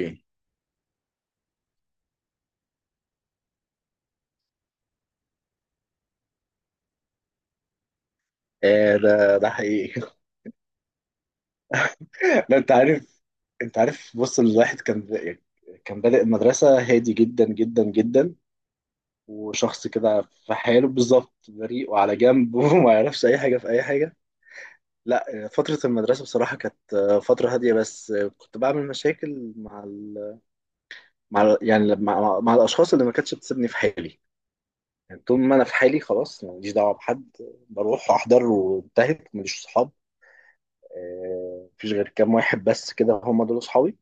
اوكي. آه، ده حقيقي لا، انت عارف. بص، الواحد كان يعني كان بادئ المدرسة هادي جدا جدا جدا، وشخص كده في حاله بالظبط بريء وعلى جنب وما يعرفش اي حاجة في اي حاجة. لا، فترة المدرسة بصراحة كانت فترة هادية، بس كنت بعمل مشاكل مع الاشخاص اللي ما كانتش بتسيبني في حالي. يعني طول ما انا في حالي خلاص ماليش دعوة بحد. بروح احضر وانتهت، ماليش صحاب. مفيش غير كام واحد بس كده، هم دول اصحابي.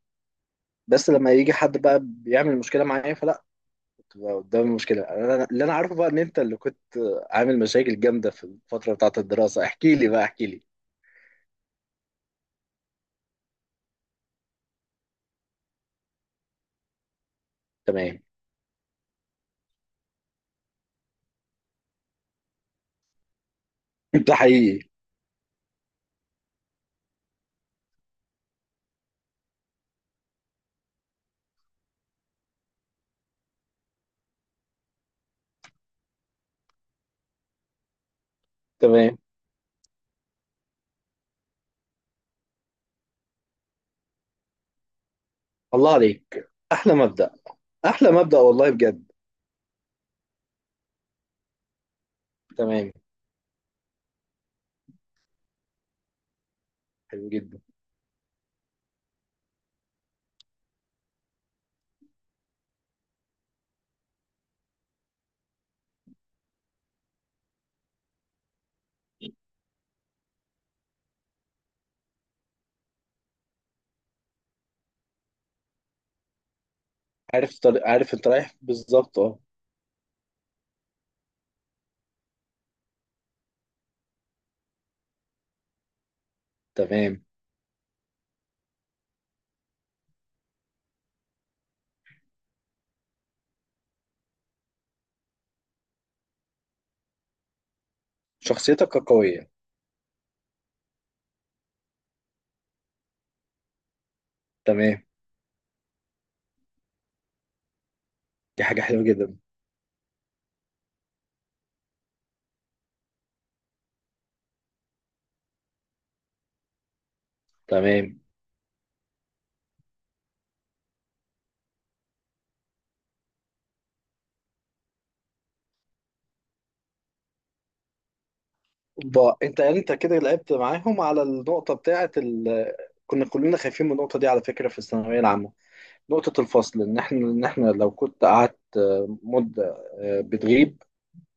بس لما يجي حد بقى بيعمل مشكله معايا فلا. كنت بقى قدام المشكله انا اللي انا عارفه بقى ان انت اللي كنت عامل مشاكل جامده في الفتره بتاعه الدراسه، احكي لي بقى، احكي لي. تمام. ده حقيقي. تمام. الله عليك، احلى مبدأ. احلى مبدأ والله بجد. تمام، حلو جدا. عارف طريق، عارف انت رايح بالظبط، اه. تمام، شخصيتك قويه. تمام، دي حاجه حلوه جدا. تمام. بقى انت يعني انت كده لعبت معاهم على النقطه بتاعه كنا كلنا خايفين من النقطه دي على فكره في الثانويه العامه. نقطة الفصل، إن إحنا لو كنت قعدت مدة بتغيب،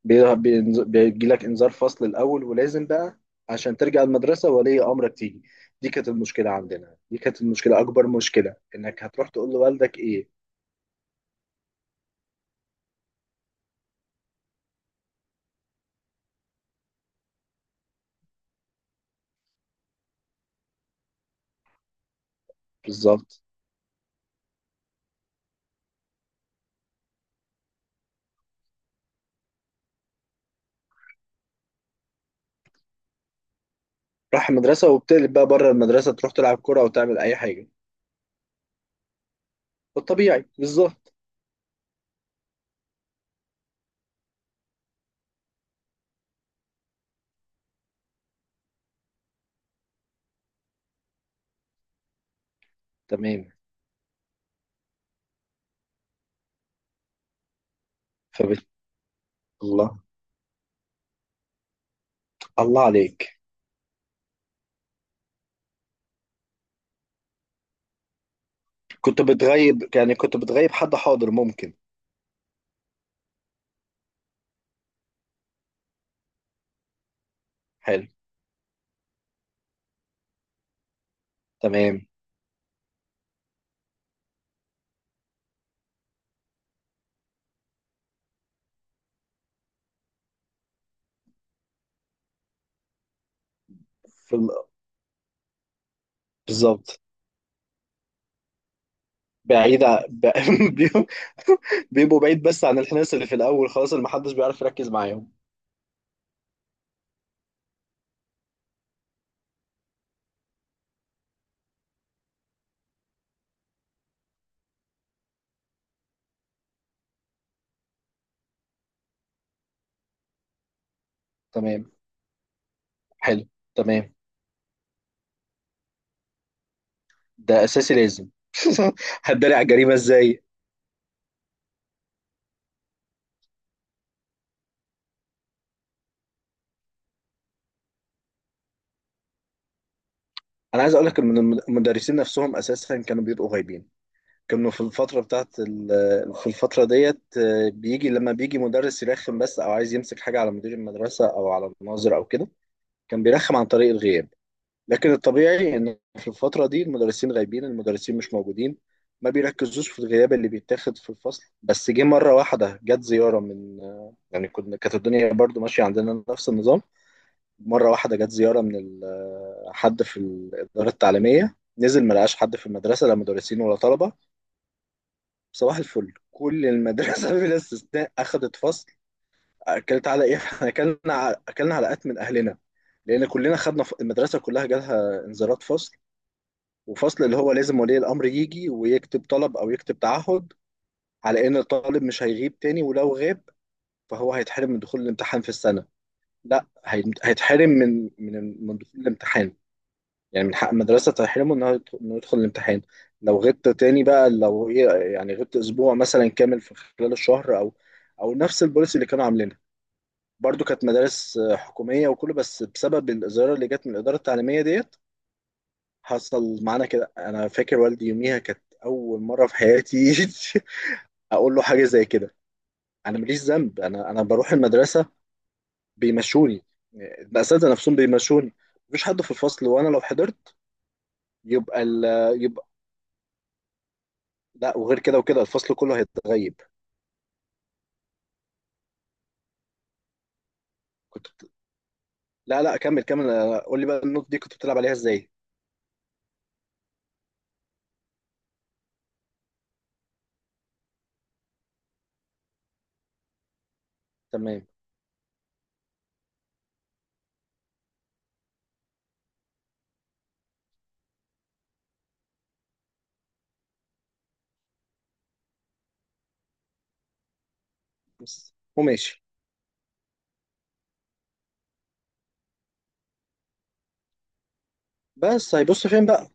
بيجيلك إنذار فصل الأول، ولازم بقى عشان ترجع المدرسة ولي أمرك تيجي. دي كانت المشكلة عندنا، دي كانت المشكلة، أكبر مشكلة إنك هتروح تقول لوالدك إيه. بالظبط. راح المدرسة وبتقلب بقى بره المدرسة، تروح تلعب كرة أو تعمل أي حاجة. الطبيعي بالظبط. تمام. فبت... الله، الله عليك. كنت بتغيب، يعني كنت بتغيب، حد حاضر ممكن؟ حلو. تمام. في بالظبط. بعيد ع- ب... بي- بيبقوا بعيد بس عن الحناس اللي في الاول، خلاص اللي محدش بيعرف يركز معاهم. تمام. حلو. تمام، ده اساسي لازم. هتداري على الجريمه ازاي؟ انا عايز اقول لك ان المدرسين نفسهم اساسا كانوا بيبقوا غايبين. كانوا في الفتره بتاعت في الفتره ديت بيجي، لما بيجي مدرس يرخم بس او عايز يمسك حاجه على مدير المدرسه او على الناظر او كده، كان بيرخم عن طريق الغياب. لكن الطبيعي ان في الفتره دي المدرسين غايبين، المدرسين مش موجودين، ما بيركزوش في الغياب اللي بيتاخد في الفصل. بس جه مره واحده جت زياره من، يعني كنا، كانت الدنيا برضو ماشيه عندنا نفس النظام. مره واحده جت زياره من حد في الاداره التعليميه، نزل ما لقاش حد في المدرسه، لا مدرسين ولا طلبه. صباح الفل كل المدرسه بلا استثناء اخذت فصل. اكلت على ايه؟ احنا اكلنا اكلنا علقات من اهلنا، لان كلنا خدنا المدرسه كلها جالها انذارات فصل، وفصل اللي هو لازم ولي الأمر يجي ويكتب طلب أو يكتب تعهد على إن الطالب مش هيغيب تاني، ولو غاب فهو هيتحرم من دخول الامتحان في السنة. لا، هيتحرم من دخول الامتحان. يعني من حق المدرسة تحرمه إنه يدخل الامتحان. لو غبت تاني بقى، لو إيه، يعني غبت أسبوع مثلا كامل في خلال الشهر، أو نفس البوليسي اللي كانوا عاملينها. برضو كانت مدارس حكومية وكله، بس بسبب الإزالة اللي جت من الإدارة التعليمية ديت حصل معانا كده. انا فاكر والدي يوميها، كانت اول مره في حياتي اقول له حاجه زي كده. انا ماليش ذنب، انا بروح المدرسه بيمشوني، الاساتذه نفسهم بيمشوني. مفيش حد في الفصل، وانا لو حضرت يبقى ال... يبقى، لا، وغير كده وكده الفصل كله هيتغيب. كنت بت... لا، لا، كمل، كمل، قول لي بقى، النوت دي كنت بتلعب عليها ازاي؟ تمام. بس وماشي. بس هيبص فين بقى؟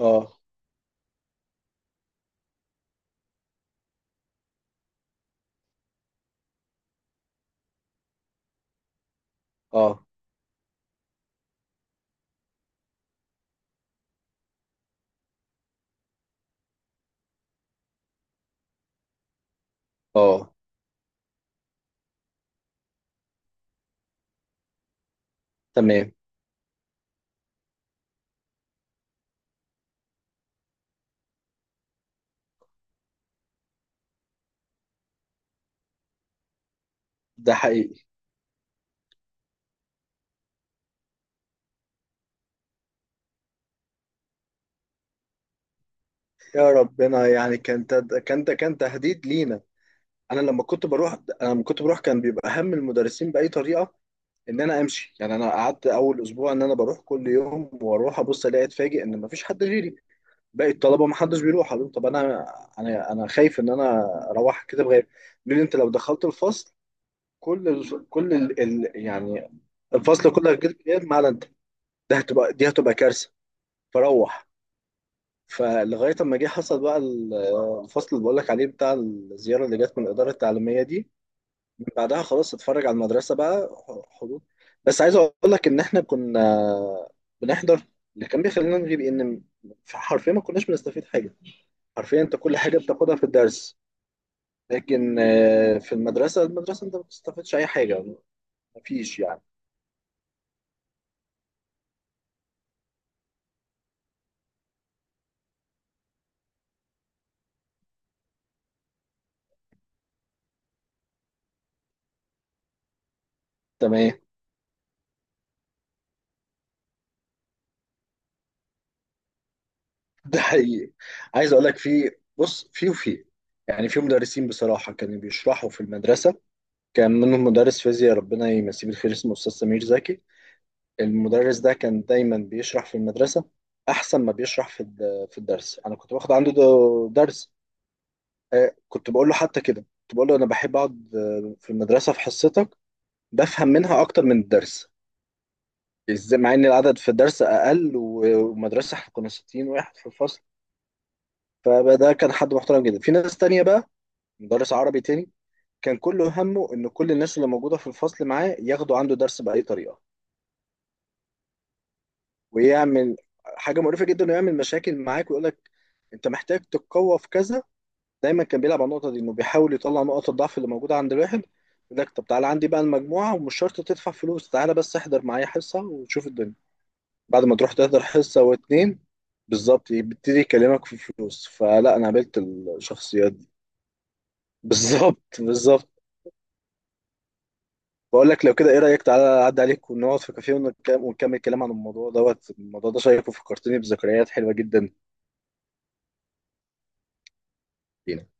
اه، اه، اه. تمام، ده حقيقي. يا ربنا. يعني كان كان تهديد لينا. انا لما كنت بروح كان بيبقى هم المدرسين باي طريقه ان انا امشي. يعني انا قعدت اول اسبوع ان انا بروح كل يوم، واروح ابص الاقي اتفاجئ ان مفيش حد غيري. باقي الطلبه ما حدش بيروح. أقول لهم طب انا انا خايف ان انا اروح كده بغير. يقولوا لي انت لو دخلت الفصل يعني الفصل كله هيتكتب غياب ما عدا انت. ده هتبقى دي هتبقى كارثه. فروح. فلغايه اما جه، حصل بقى الفصل اللي بقول لك عليه بتاع الزياره اللي جت من الاداره التعليميه دي، من بعدها خلاص اتفرج على المدرسه بقى. حضور. بس عايز اقول لك ان احنا كنا بنحضر. اللي كان بيخلينا نغيب ان حرفيا ما كناش بنستفيد حاجه. حرفيا انت كل حاجه بتاخدها في الدرس، لكن في المدرسه، انت ما بتستفيدش اي حاجه. مفيش يعني. تمام. ده حقيقي. عايز اقول لك، في بص، في وفي يعني في مدرسين بصراحه كانوا بيشرحوا في المدرسه. كان منهم مدرس فيزياء ربنا يمسيه بالخير اسمه أستاذ سمير زكي. المدرس ده كان دايما بيشرح في المدرسة أحسن ما بيشرح في في الدرس. أنا كنت باخد عنده درس. كنت بقول له حتى كده، كنت بقول له أنا بحب أقعد في المدرسة في حصتك، بفهم منها أكتر من الدرس. إزاي مع إن العدد في الدرس أقل ومدرسة إحنا كنا 60 واحد في الفصل. فده كان حد محترم جدا. في ناس تانية بقى، مدرس عربي تاني، كان كل همه إن كل الناس اللي موجودة في الفصل معاه ياخدوا عنده درس بأي طريقة، ويعمل حاجه مقرفه جدا، ويعمل مشاكل معاك ويقول لك انت محتاج تتقوى في كذا. دايما كان بيلعب على النقطه دي، انه بيحاول يطلع نقط الضعف اللي موجوده عند الواحد. يقول لك طب تعالى عندي بقى المجموعه، ومش شرط تدفع فلوس، تعالى بس احضر معايا حصه وتشوف الدنيا. بعد ما تروح تحضر حصه واتنين بالظبط يبتدي يكلمك في فلوس. فلا، انا قابلت الشخصيات دي بالظبط، بالظبط. بقول لك، لو كده ايه رايك تعالى اعدي عليك ونقعد في كافيه ونكمل كلام عن الموضوع دوت الموضوع ده شيق وفكرتني بذكريات حلوه جدا. لينا.